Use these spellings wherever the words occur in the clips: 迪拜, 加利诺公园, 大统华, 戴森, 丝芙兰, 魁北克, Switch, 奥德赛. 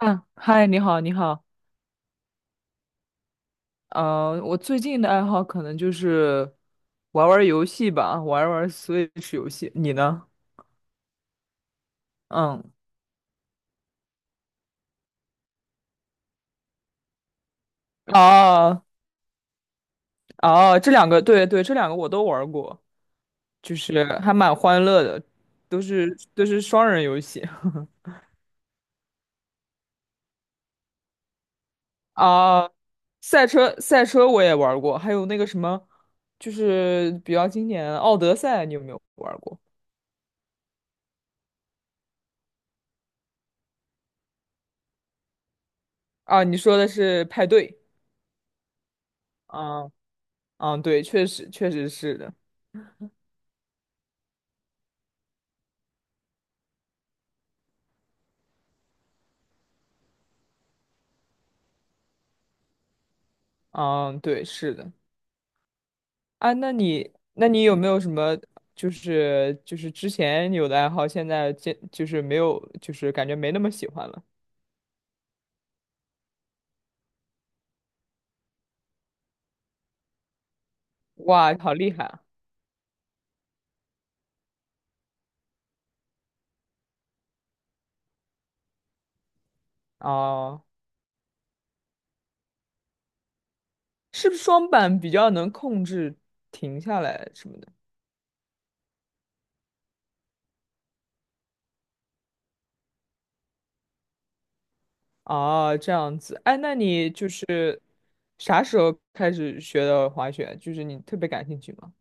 嗯，嗨，你好，你好。我最近的爱好可能就是玩玩游戏吧，玩玩 Switch 游戏。你呢？嗯，哦哦，这两个，对对，这两个我都玩过，就是还蛮欢乐的，都是双人游戏。啊，赛车赛车我也玩过，还有那个什么，就是比较经典的《奥德赛》，你有没有玩过？啊，你说的是派对。啊，嗯，对，确实确实是的。嗯，对，是的。啊，那你有没有什么，就是之前有的爱好，现在这就是没有，就是感觉没那么喜欢了？哇，好厉害啊！哦，是不是双板比较能控制停下来什么的？哦，这样子。哎，那你就是啥时候开始学的滑雪？就是你特别感兴趣吗？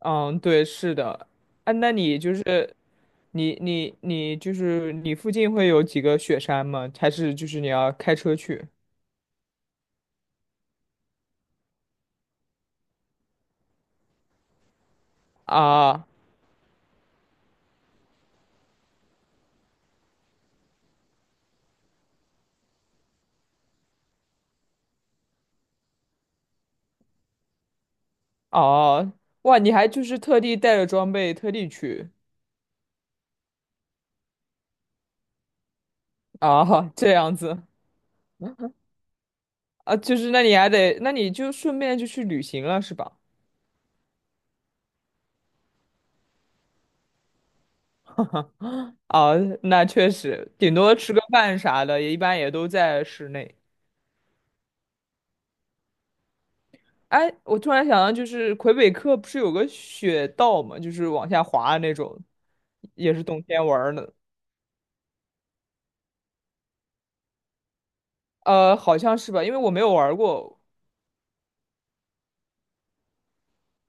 嗯，对，是的。哎，那你就是你附近会有几个雪山吗？还是就是你要开车去？啊哦，哇，你还就是特地带着装备特地去啊，这样子啊，就是那你就顺便就去旅行了是吧？啊，那确实，顶多吃个饭啥的，也一般也都在室内。哎，我突然想到，就是魁北克不是有个雪道吗？就是往下滑的那种，也是冬天玩儿的。好像是吧，因为我没有玩儿过。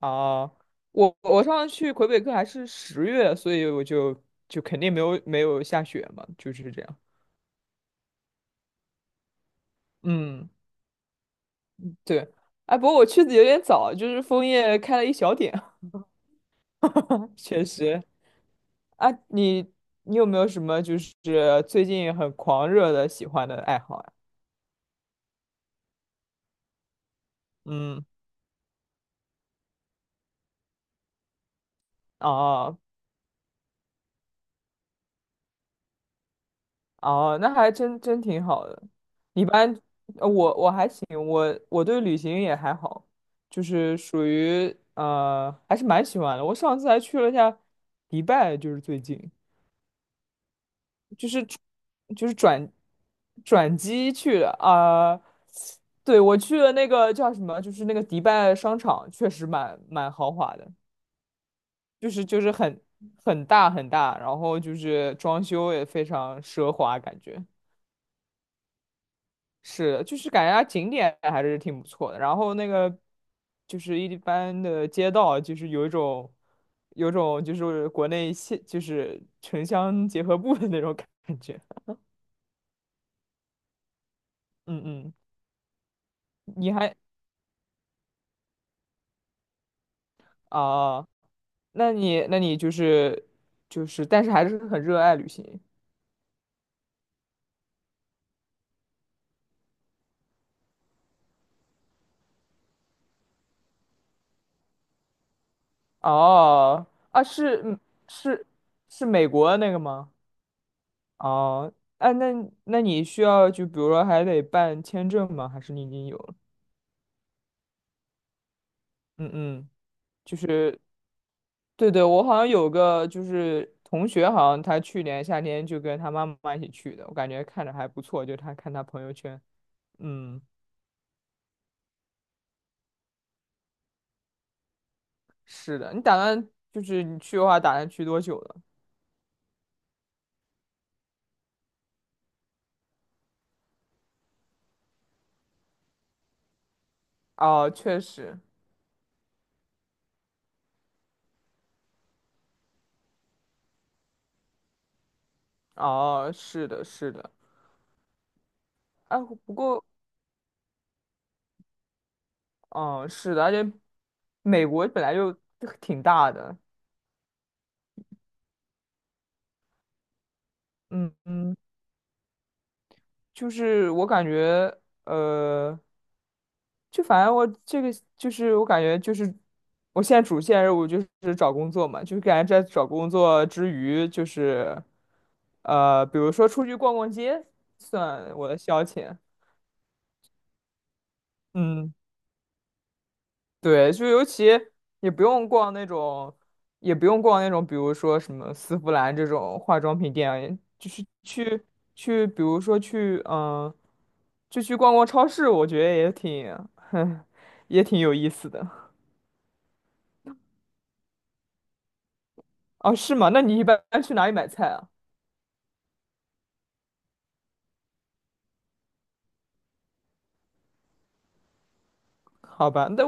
啊，我上次去魁北克还是10月，所以我就肯定没有下雪嘛，就是这样。嗯，对。哎，不过我去的有点早，就是枫叶开了一小点，确实。啊，你有没有什么就是最近很狂热的喜欢的爱好呀？嗯，啊，哦，那还真真挺好的。一般，我还行，我对旅行也还好，就是属于还是蛮喜欢的。我上次还去了一下迪拜，就是最近，就是就是转机去的啊、对，我去了那个叫什么，就是那个迪拜商场，确实蛮豪华的，就是很很大，然后就是装修也非常奢华，感觉。是，就是感觉它景点还是挺不错的。然后那个就是一般的街道，就是有一种就是国内县就是城乡结合部的那种感觉。嗯嗯，你还啊？那你就是但是还是很热爱旅行。哦啊，是，是美国那个吗？哦，哎，那你需要就比如说还得办签证吗？还是你已经有了？嗯嗯。就是。对对，我好像有个就是同学，好像他去年夏天就跟他妈妈一起去的，我感觉看着还不错，就他看他朋友圈。嗯，是的，你打算就是你去的话，打算去多久了？哦，确实，哦，是的，是的，哎，不过，嗯，是的，而且美国本来就挺大的，嗯嗯。就是我感觉，呃，就反正我这个就是我感觉就是我现在主线任务就是找工作嘛，就是感觉在找工作之余，就是比如说出去逛逛街，算我的消遣。嗯。对，就尤其也不用逛那种，也不用逛那种，比如说什么丝芙兰这种化妆品店，就是去，比如说去，就去逛逛超市，我觉得也挺，哼，也挺有意思的。哦，是吗？那你一般去哪里买菜啊？好吧，那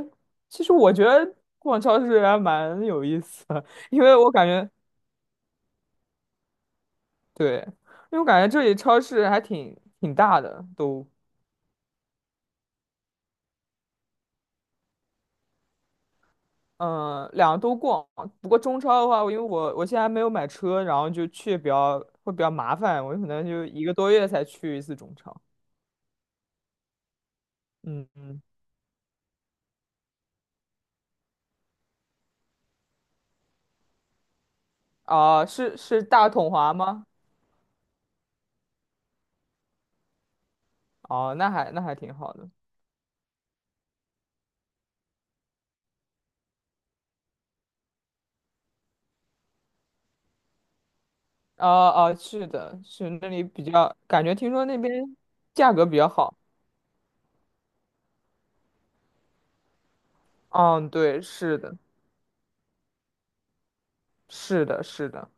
其实我觉得逛超市还蛮有意思的，因为我感觉，对，因为我感觉这里超市还挺大的，都。嗯，两个都逛。不过中超的话，我因为我现在还没有买车，然后就去会比较麻烦，我可能就一个多月才去一次中超。嗯嗯，哦、是大统华吗？哦，那还挺好的。哦哦，是的，是那里比较，感觉听说那边价格比较好。嗯，对，是的，是的，是的。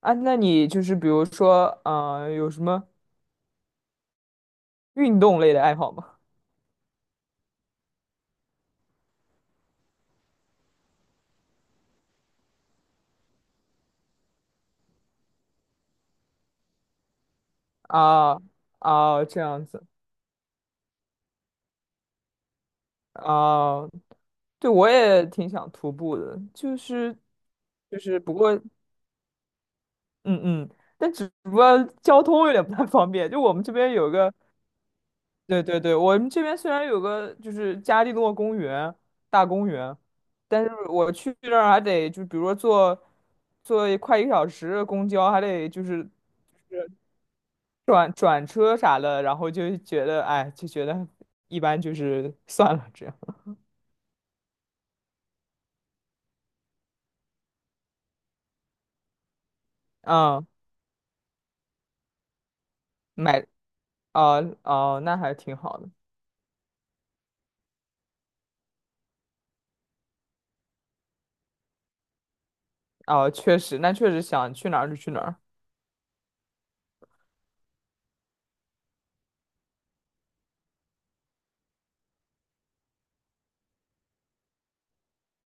啊，那你就是比如说，有什么运动类的爱好吗？啊啊，这样子。啊，对，我也挺想徒步的，就是不过嗯嗯，但只不过交通有点不太方便。就我们这边有个，对对对，我们这边虽然有个就是加利诺公园大公园，但是我去那儿还得就比如说坐快一个小时的公交，还得就是转车啥的，然后就觉得哎，就觉得一般，就是算了这样。嗯，买哦哦，那还挺好的。哦，确实，那确实想去哪儿就去哪儿。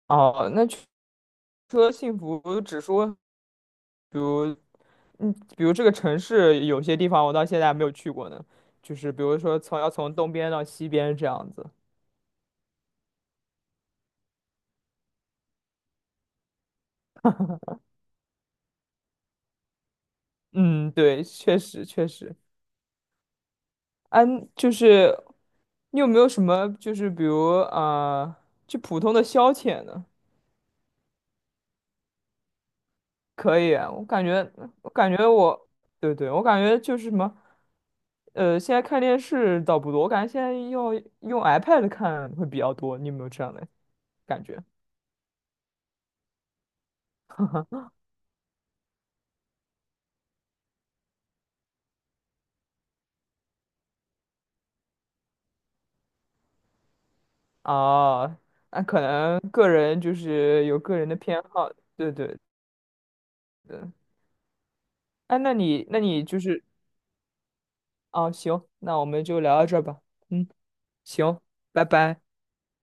哦，那除了幸福指数，比如，嗯，比如这个城市有些地方我到现在还没有去过呢，就是比如说要从东边到西边这样子。嗯，对，确实确实。嗯，就是你有没有什么就是比如啊，就普通的消遣呢？可以啊，我感觉，我感觉我，对对，我感觉就是什么，现在看电视倒不多，我感觉现在用 iPad 看会比较多。你有没有这样的感觉？啊，那可能个人就是有个人的偏好，对对对。哎，那你那你就是，啊，行，那我们就聊到这儿吧。嗯，行，拜拜。